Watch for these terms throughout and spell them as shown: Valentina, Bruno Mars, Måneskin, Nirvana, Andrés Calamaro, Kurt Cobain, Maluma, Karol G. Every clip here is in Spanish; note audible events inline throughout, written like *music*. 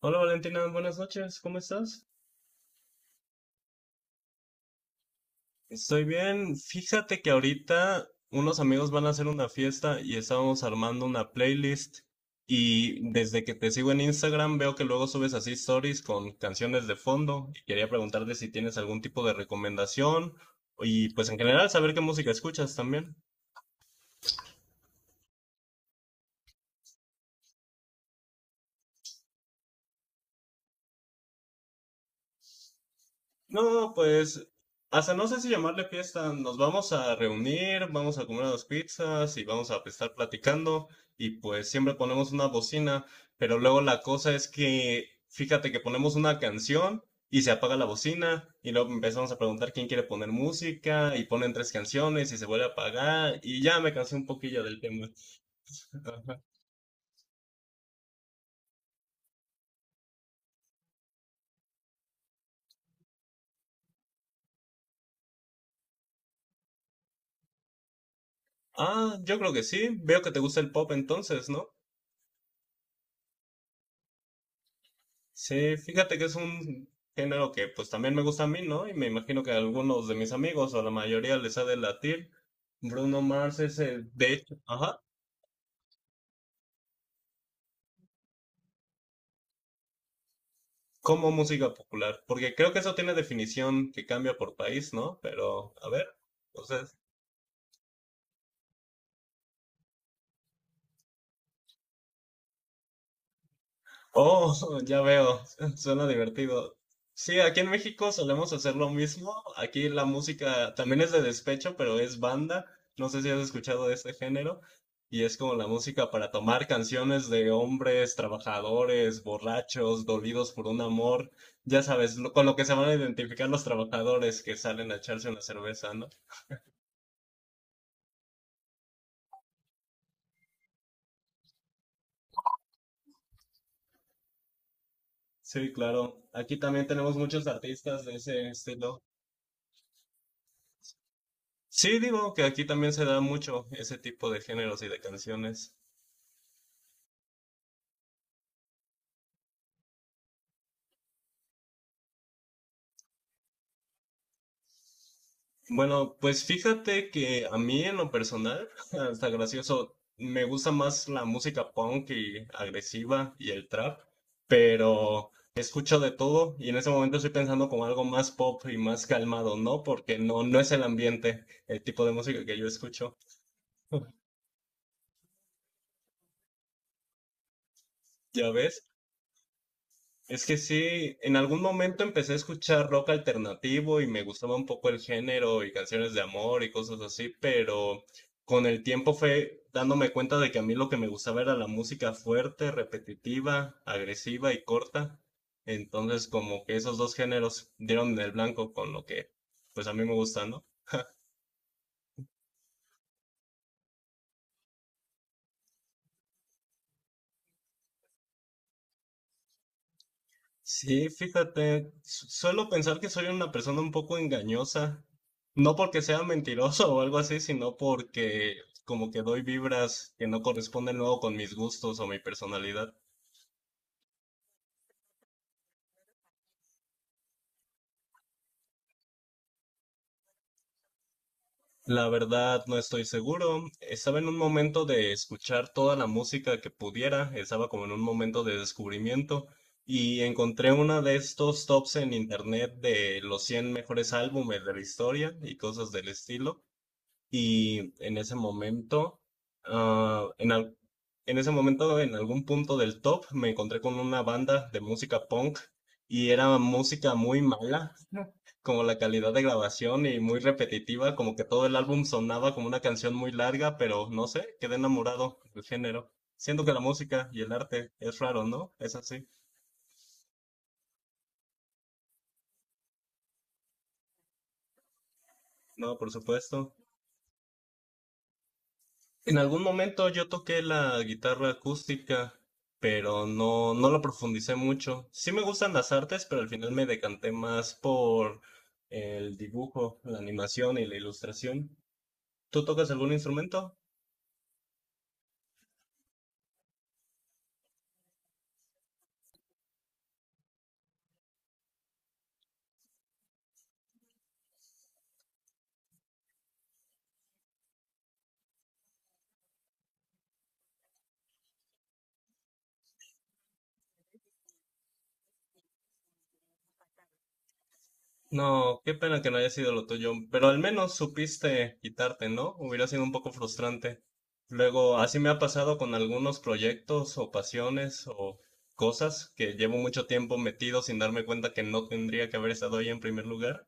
Hola Valentina, buenas noches, ¿cómo estás? Estoy bien. Fíjate que ahorita unos amigos van a hacer una fiesta y estábamos armando una playlist, y desde que te sigo en Instagram veo que luego subes así stories con canciones de fondo, y quería preguntarte si tienes algún tipo de recomendación y pues en general saber qué música escuchas también. No, no, no, pues hasta no sé si llamarle fiesta. Nos vamos a reunir, vamos a comer unas pizzas y vamos a estar platicando, y pues siempre ponemos una bocina, pero luego la cosa es que fíjate que ponemos una canción y se apaga la bocina, y luego empezamos a preguntar quién quiere poner música y ponen tres canciones y se vuelve a apagar, y ya me cansé un poquillo del tema. *laughs* Ah, yo creo que sí. Veo que te gusta el pop entonces, ¿no? Sí, fíjate que es un género que pues también me gusta a mí, ¿no? Y me imagino que a algunos de mis amigos o a la mayoría les ha de latir. Bruno Mars es el, de hecho, ajá, como música popular, porque creo que eso tiene definición que cambia por país, ¿no? Pero, a ver, entonces... Oh, *laughs* ya veo, *laughs* suena divertido. Sí, aquí en México solemos hacer lo mismo. Aquí la música también es de despecho, pero es banda. No sé si has escuchado de este género. Y es como la música para tomar, canciones de hombres trabajadores, borrachos, dolidos por un amor. Ya sabes, con lo que se van a identificar los trabajadores que salen a echarse una cerveza, ¿no? Sí, claro. Aquí también tenemos muchos artistas de ese estilo. Sí, digo que aquí también se da mucho ese tipo de géneros y de canciones. Bueno, pues fíjate que a mí en lo personal, *laughs* hasta gracioso, me gusta más la música punk y agresiva y el trap, pero escucho de todo, y en ese momento estoy pensando como algo más pop y más calmado, ¿no? Porque no es el ambiente, el tipo de música que yo escucho. *laughs* ¿Ya ves? Es que sí, en algún momento empecé a escuchar rock alternativo y me gustaba un poco el género y canciones de amor y cosas así, pero con el tiempo fue dándome cuenta de que a mí lo que me gustaba era la música fuerte, repetitiva, agresiva y corta. Entonces como que esos dos géneros dieron en el blanco con lo que pues a mí me gusta, ¿no? Sí, fíjate, suelo pensar que soy una persona un poco engañosa, no porque sea mentiroso *laughs* o algo así, sino porque como que doy vibras que no corresponden luego con mis gustos o mi personalidad. La verdad, no estoy seguro. Estaba en un momento de escuchar toda la música que pudiera, estaba como en un momento de descubrimiento, y encontré una de estos tops en internet de los 100 mejores álbumes de la historia y cosas del estilo. Y en ese momento, ah, en, al- en ese momento, en algún punto del top, me encontré con una banda de música punk, y era música muy mala, como la calidad de grabación y muy repetitiva, como que todo el álbum sonaba como una canción muy larga, pero no sé, quedé enamorado del género. Siento que la música y el arte es raro, ¿no? Es así. No, por supuesto. En algún momento yo toqué la guitarra acústica, pero no lo profundicé mucho. Sí me gustan las artes, pero al final me decanté más por el dibujo, la animación y la ilustración. ¿Tú tocas algún instrumento? No, qué pena que no haya sido lo tuyo, pero al menos supiste quitarte, ¿no? Hubiera sido un poco frustrante. Luego, así me ha pasado con algunos proyectos o pasiones o cosas que llevo mucho tiempo metido sin darme cuenta que no tendría que haber estado ahí en primer lugar.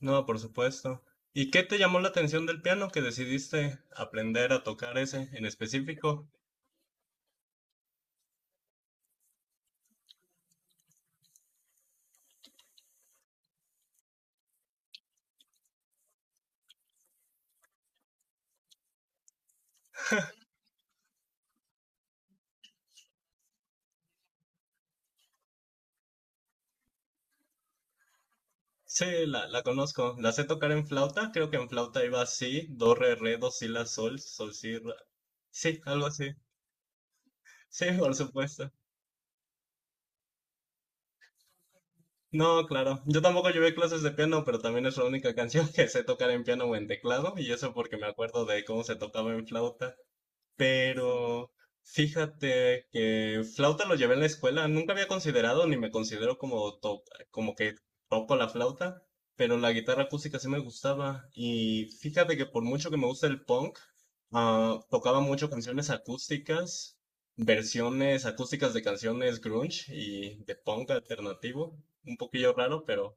No, por supuesto. ¿Y qué te llamó la atención del piano que decidiste aprender a tocar ese en específico? Sí, la conozco. La sé tocar en flauta. Creo que en flauta iba así, do, re, re, do, si, la, sol, sol, si, ra. Sí, algo así. Sí, por supuesto. No, claro. Yo tampoco llevé clases de piano, pero también es la única *laughs* canción que sé tocar en piano o en teclado, y eso porque me acuerdo de cómo se tocaba en flauta. Pero fíjate que flauta lo llevé en la escuela. Nunca había considerado, ni me considero como, como que toco la flauta, pero la guitarra acústica sí me gustaba. Y fíjate que por mucho que me gusta el punk, ah, tocaba mucho canciones acústicas, versiones acústicas de canciones grunge y de punk alternativo. Un poquillo raro, pero...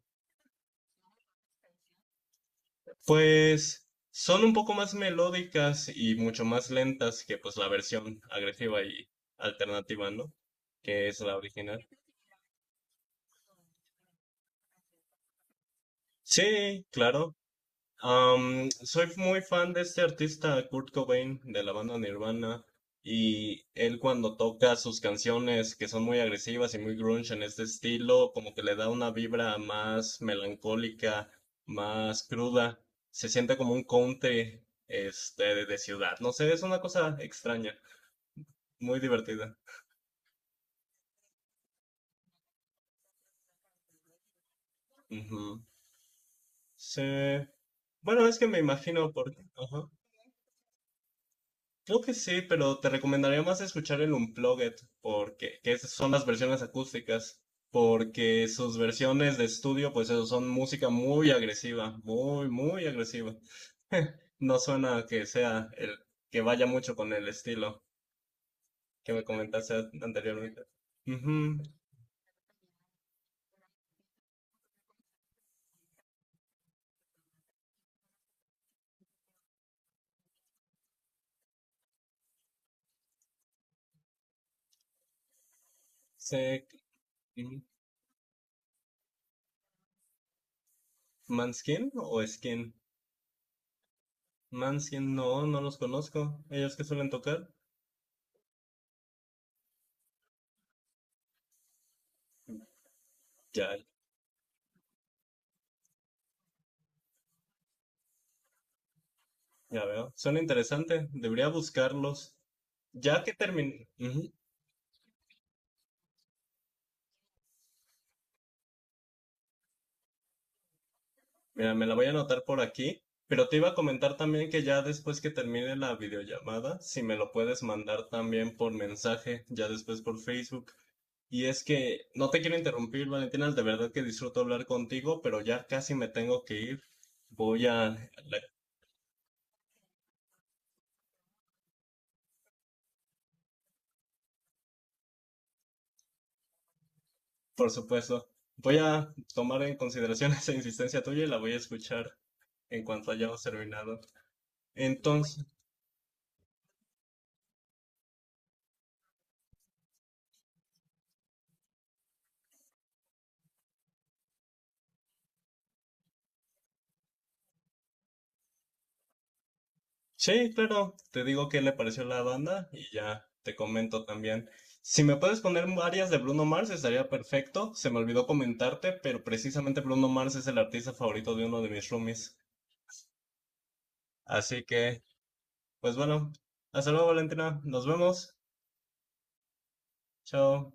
Pues son un poco más melódicas y mucho más lentas que pues la versión agresiva y alternativa, ¿no? Que es la original. Sí, claro. Am, soy muy fan de este artista Kurt Cobain de la banda Nirvana, y él cuando toca sus canciones que son muy agresivas y muy grunge en este estilo, como que le da una vibra más melancólica, más cruda, se siente como un country este de ciudad, no sé, es una cosa extraña, muy divertida. Ujú. Sí. Bueno, es que me imagino por... ajá. Creo que sí, pero te recomendaría más escuchar el Unplugged, porque que esas son las versiones acústicas, porque sus versiones de estudio, pues eso, son música muy agresiva, muy agresiva. No suena que sea el que vaya mucho con el estilo que me comentaste anteriormente. Ujú, sé- ujú. ¿Manskin o Skin? Manskin, no, no los conozco. ¿Ellos qué suelen tocar? Ya, ya veo. Suena interesante. Debería buscarlos. Ya que terminé. Mira, me la voy a anotar por aquí, pero te iba a comentar también que ya después que termine la videollamada, si me lo puedes mandar también por mensaje, ya después por Facebook. Y es que no te quiero interrumpir, Valentina, de verdad que disfruto hablar contigo, pero ya casi me tengo que ir. Voy a, por supuesto, voy a tomar en consideración *laughs* esa insistencia tuya y la voy a escuchar en cuanto hayamos terminado. Entonces... Sí, claro, te digo qué le pareció la banda y ya te comento también. Si me puedes poner varias de Bruno Mars estaría perfecto. Se me olvidó comentarte, pero precisamente Bruno Mars es el artista favorito de uno de mis roomies. Así que, pues bueno, hasta luego, Valentina. Nos vemos. Chao.